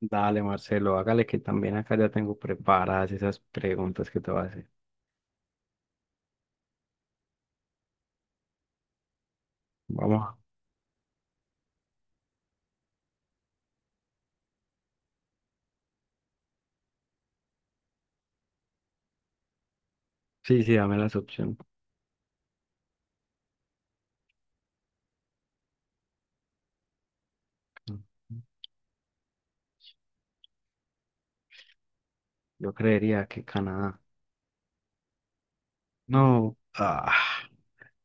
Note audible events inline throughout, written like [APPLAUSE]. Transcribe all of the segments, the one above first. Dale, Marcelo, hágale que también acá ya tengo preparadas esas preguntas que te voy a hacer. Vamos. Sí, sí, dame las opciones. Yo creería que Canadá. No,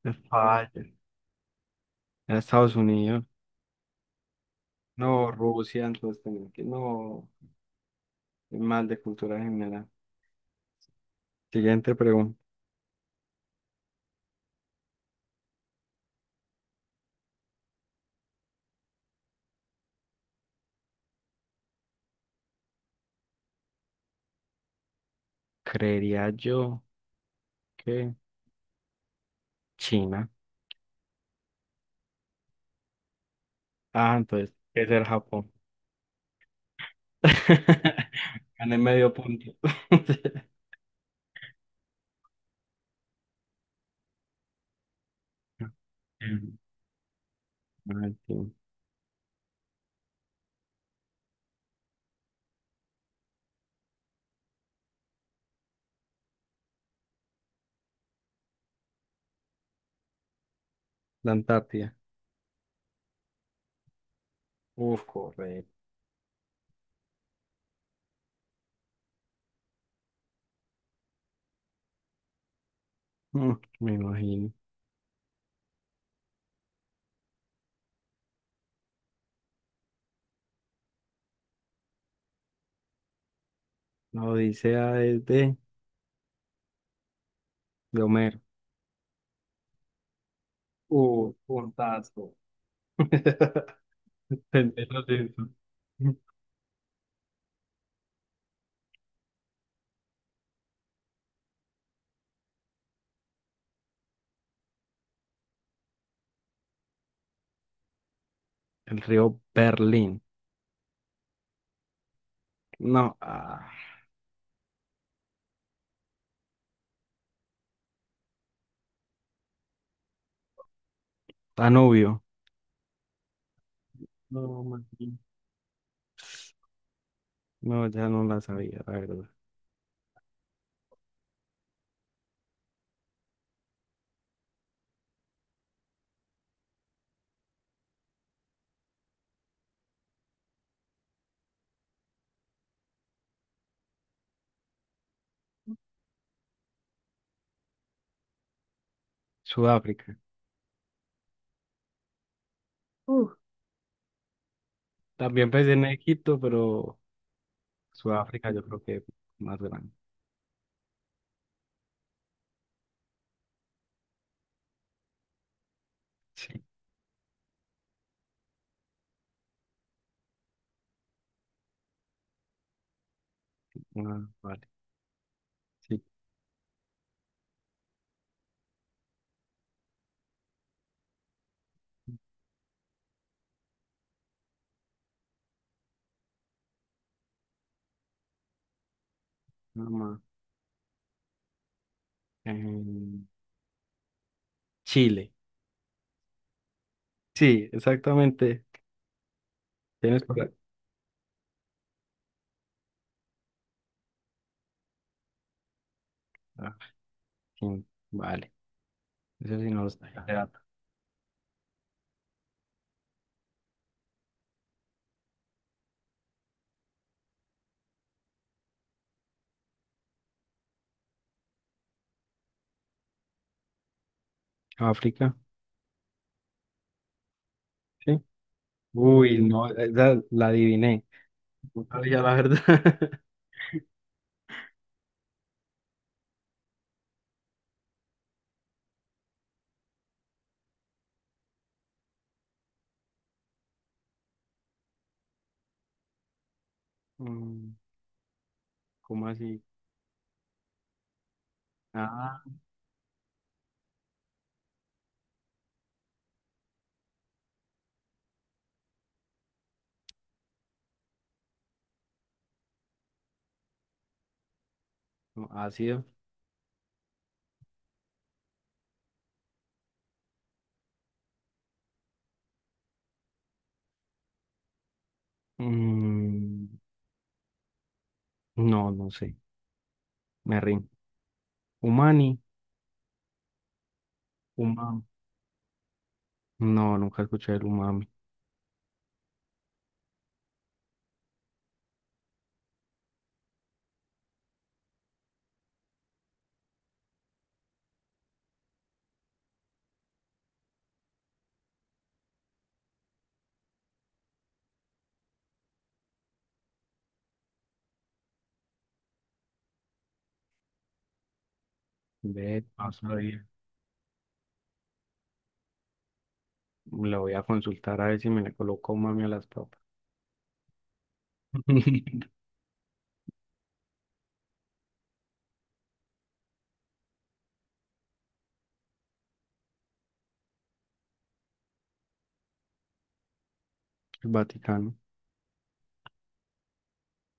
me falla. Era Estados Unidos. No, Rusia, entonces tengo que. No, soy mal de cultura general. Siguiente pregunta. Creería yo que China. Ah, entonces, ¿qué es el Japón? [LAUGHS] Gané medio punto. [LAUGHS] Ujú. La Antártida. Uf, correcto. Mm, Me imagino. La Odisea es de Homero. Uf, puntazo. [LAUGHS] Entendí lo de eso. El río Berlín. No, Danubio. No, imagino, no, ya no la sabía, la verdad. Sudáfrica. Uf. También pensé en Egipto, pero Sudáfrica yo creo que es más grande. Sí. Ah, vale. Sí. Nada más. Em, Chile. Sí, exactamente. ¿Tienes por ahí? Ah, sí, vale, eso sí no lo sabía. Espera. África, sí. Uy, no, esa la adiviné. No sabía la verdad. [LAUGHS] Mm, ¿Cómo así? Ah, no, ácido. Mm, no, no sé. Me rindo. Umani, umami. No, nunca escuché el umami. Ve, no sabía. La voy a consultar a ver si me le coloco umami a las papas. [LAUGHS] El Vaticano.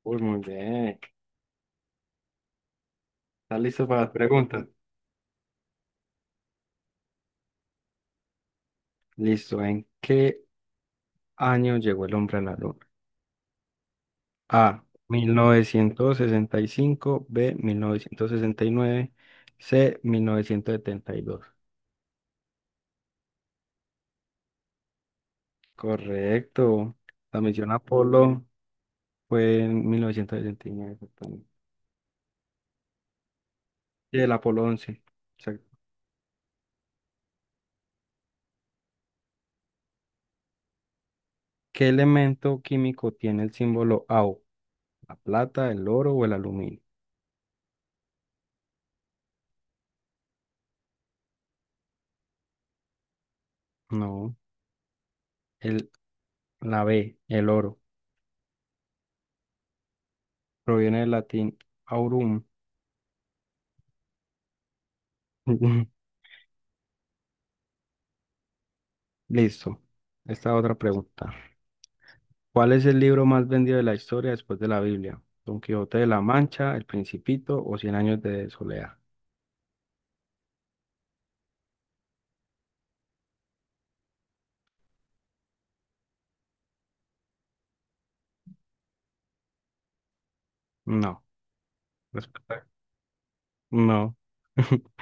Uy, muy bien. ¿Estás listo para las preguntas? Listo. ¿En qué año llegó el hombre a la luna? A, 1965. B, 1969. C, 1972. Correcto. La misión Apolo fue en 1969. Exactamente. Y el Apolo 11. Exacto. ¿Qué elemento químico tiene el símbolo AU? ¿La plata, el oro o el aluminio? No, el, la B, el oro. Proviene del latín aurum. [LAUGHS] Listo. Esta otra pregunta. ¿Cuál es el libro más vendido de la historia después de la Biblia? ¿Don Quijote de la Mancha, El Principito o Cien años de soledad? No. Respuesta- No. [LAUGHS]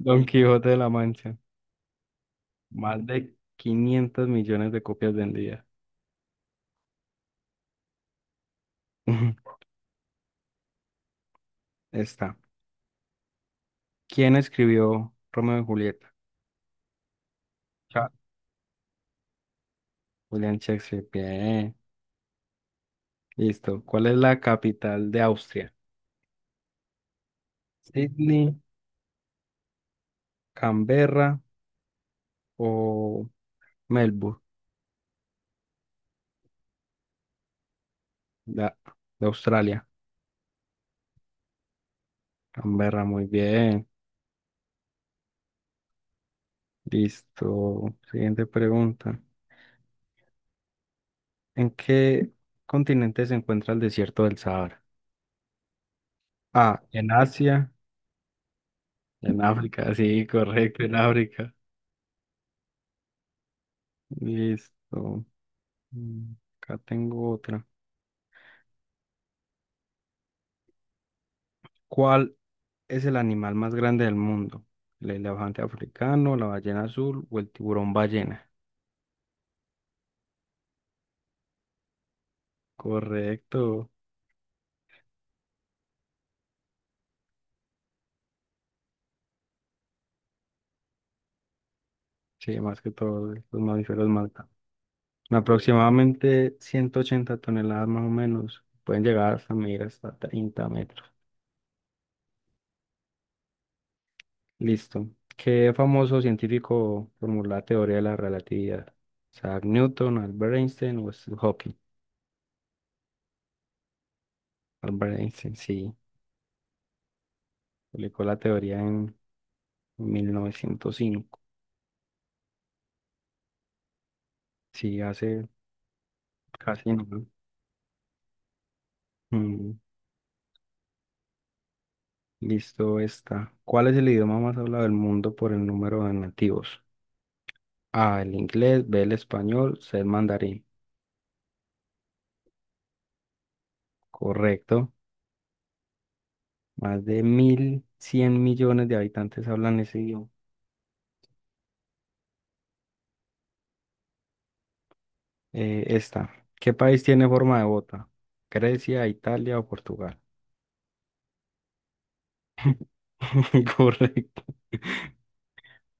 Don Quijote de la Mancha. Más de 500 millones de copias vendidas. [LAUGHS] Está. ¿Quién escribió Romeo y Julieta? Cha- William Shakespeare. Bien. Listo. ¿Cuál es la capital de Austria? Sydney, Canberra o Melbourne, de, de Australia. Canberra, muy bien. Listo. Siguiente pregunta. ¿En qué continente se encuentra el desierto del Sahara? A, en Asia, en África, sí, correcto, en África. Listo. Mm, Acá tengo otra. ¿Cuál es el animal más grande del mundo? ¿El elefante africano, la ballena azul o el tiburón ballena? Correcto. Sí, más que todo, los mamíferos más grandes. Aproximadamente 180 toneladas más o menos. Pueden llegar hasta medir hasta 30 metros. Listo. ¿Qué famoso científico formuló la teoría de la relatividad? Isaac Newton, Albert Einstein o Stephen Hawking. Albert Einstein, sí. Publicó la teoría en 1905. Sí, hace casi nada. Mm, Listo, está. ¿Cuál es el idioma más hablado del mundo por el número de nativos? A, el inglés, B, el español, C, el mandarín. Correcto. Más de 1100 millones de habitantes hablan ese idioma. Esta. ¿Qué país tiene forma de bota? ¿Grecia, Italia o Portugal? [LAUGHS] Correcto.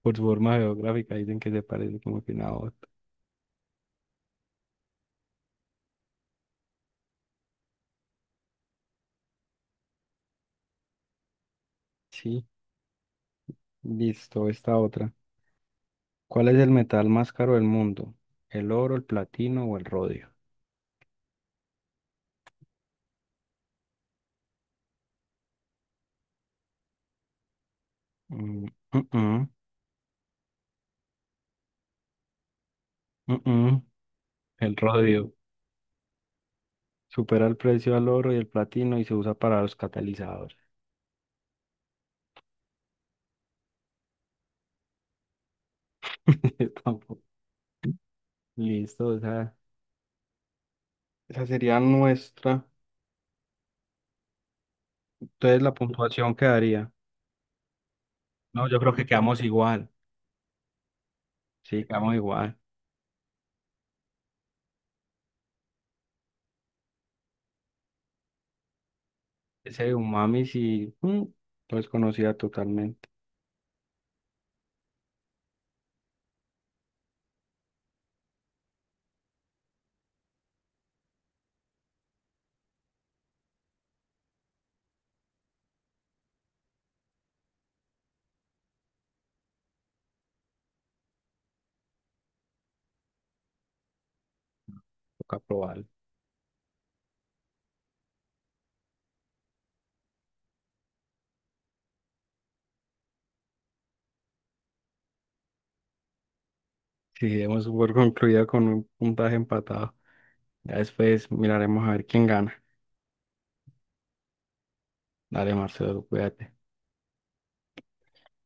Por su forma geográfica dicen que se parece como que una bota. Sí, listo, esta otra. ¿Cuál es el metal más caro del mundo? ¿El oro, el platino o el rodio? Mm, mm, mm, mm, mm. El rodio. Supera el precio al oro y el platino y se usa para los catalizadores. [LAUGHS] Yo tampoco. Listo, esa sería nuestra. Entonces la puntuación quedaría. No, yo creo que quedamos igual. Sí, quedamos igual. Ese de umami sí, no es conocida totalmente. Toca probarlo. Sí, hemos por concluido con un puntaje empatado. Ya después miraremos a ver quién gana. Dale, Marcelo, cuídate.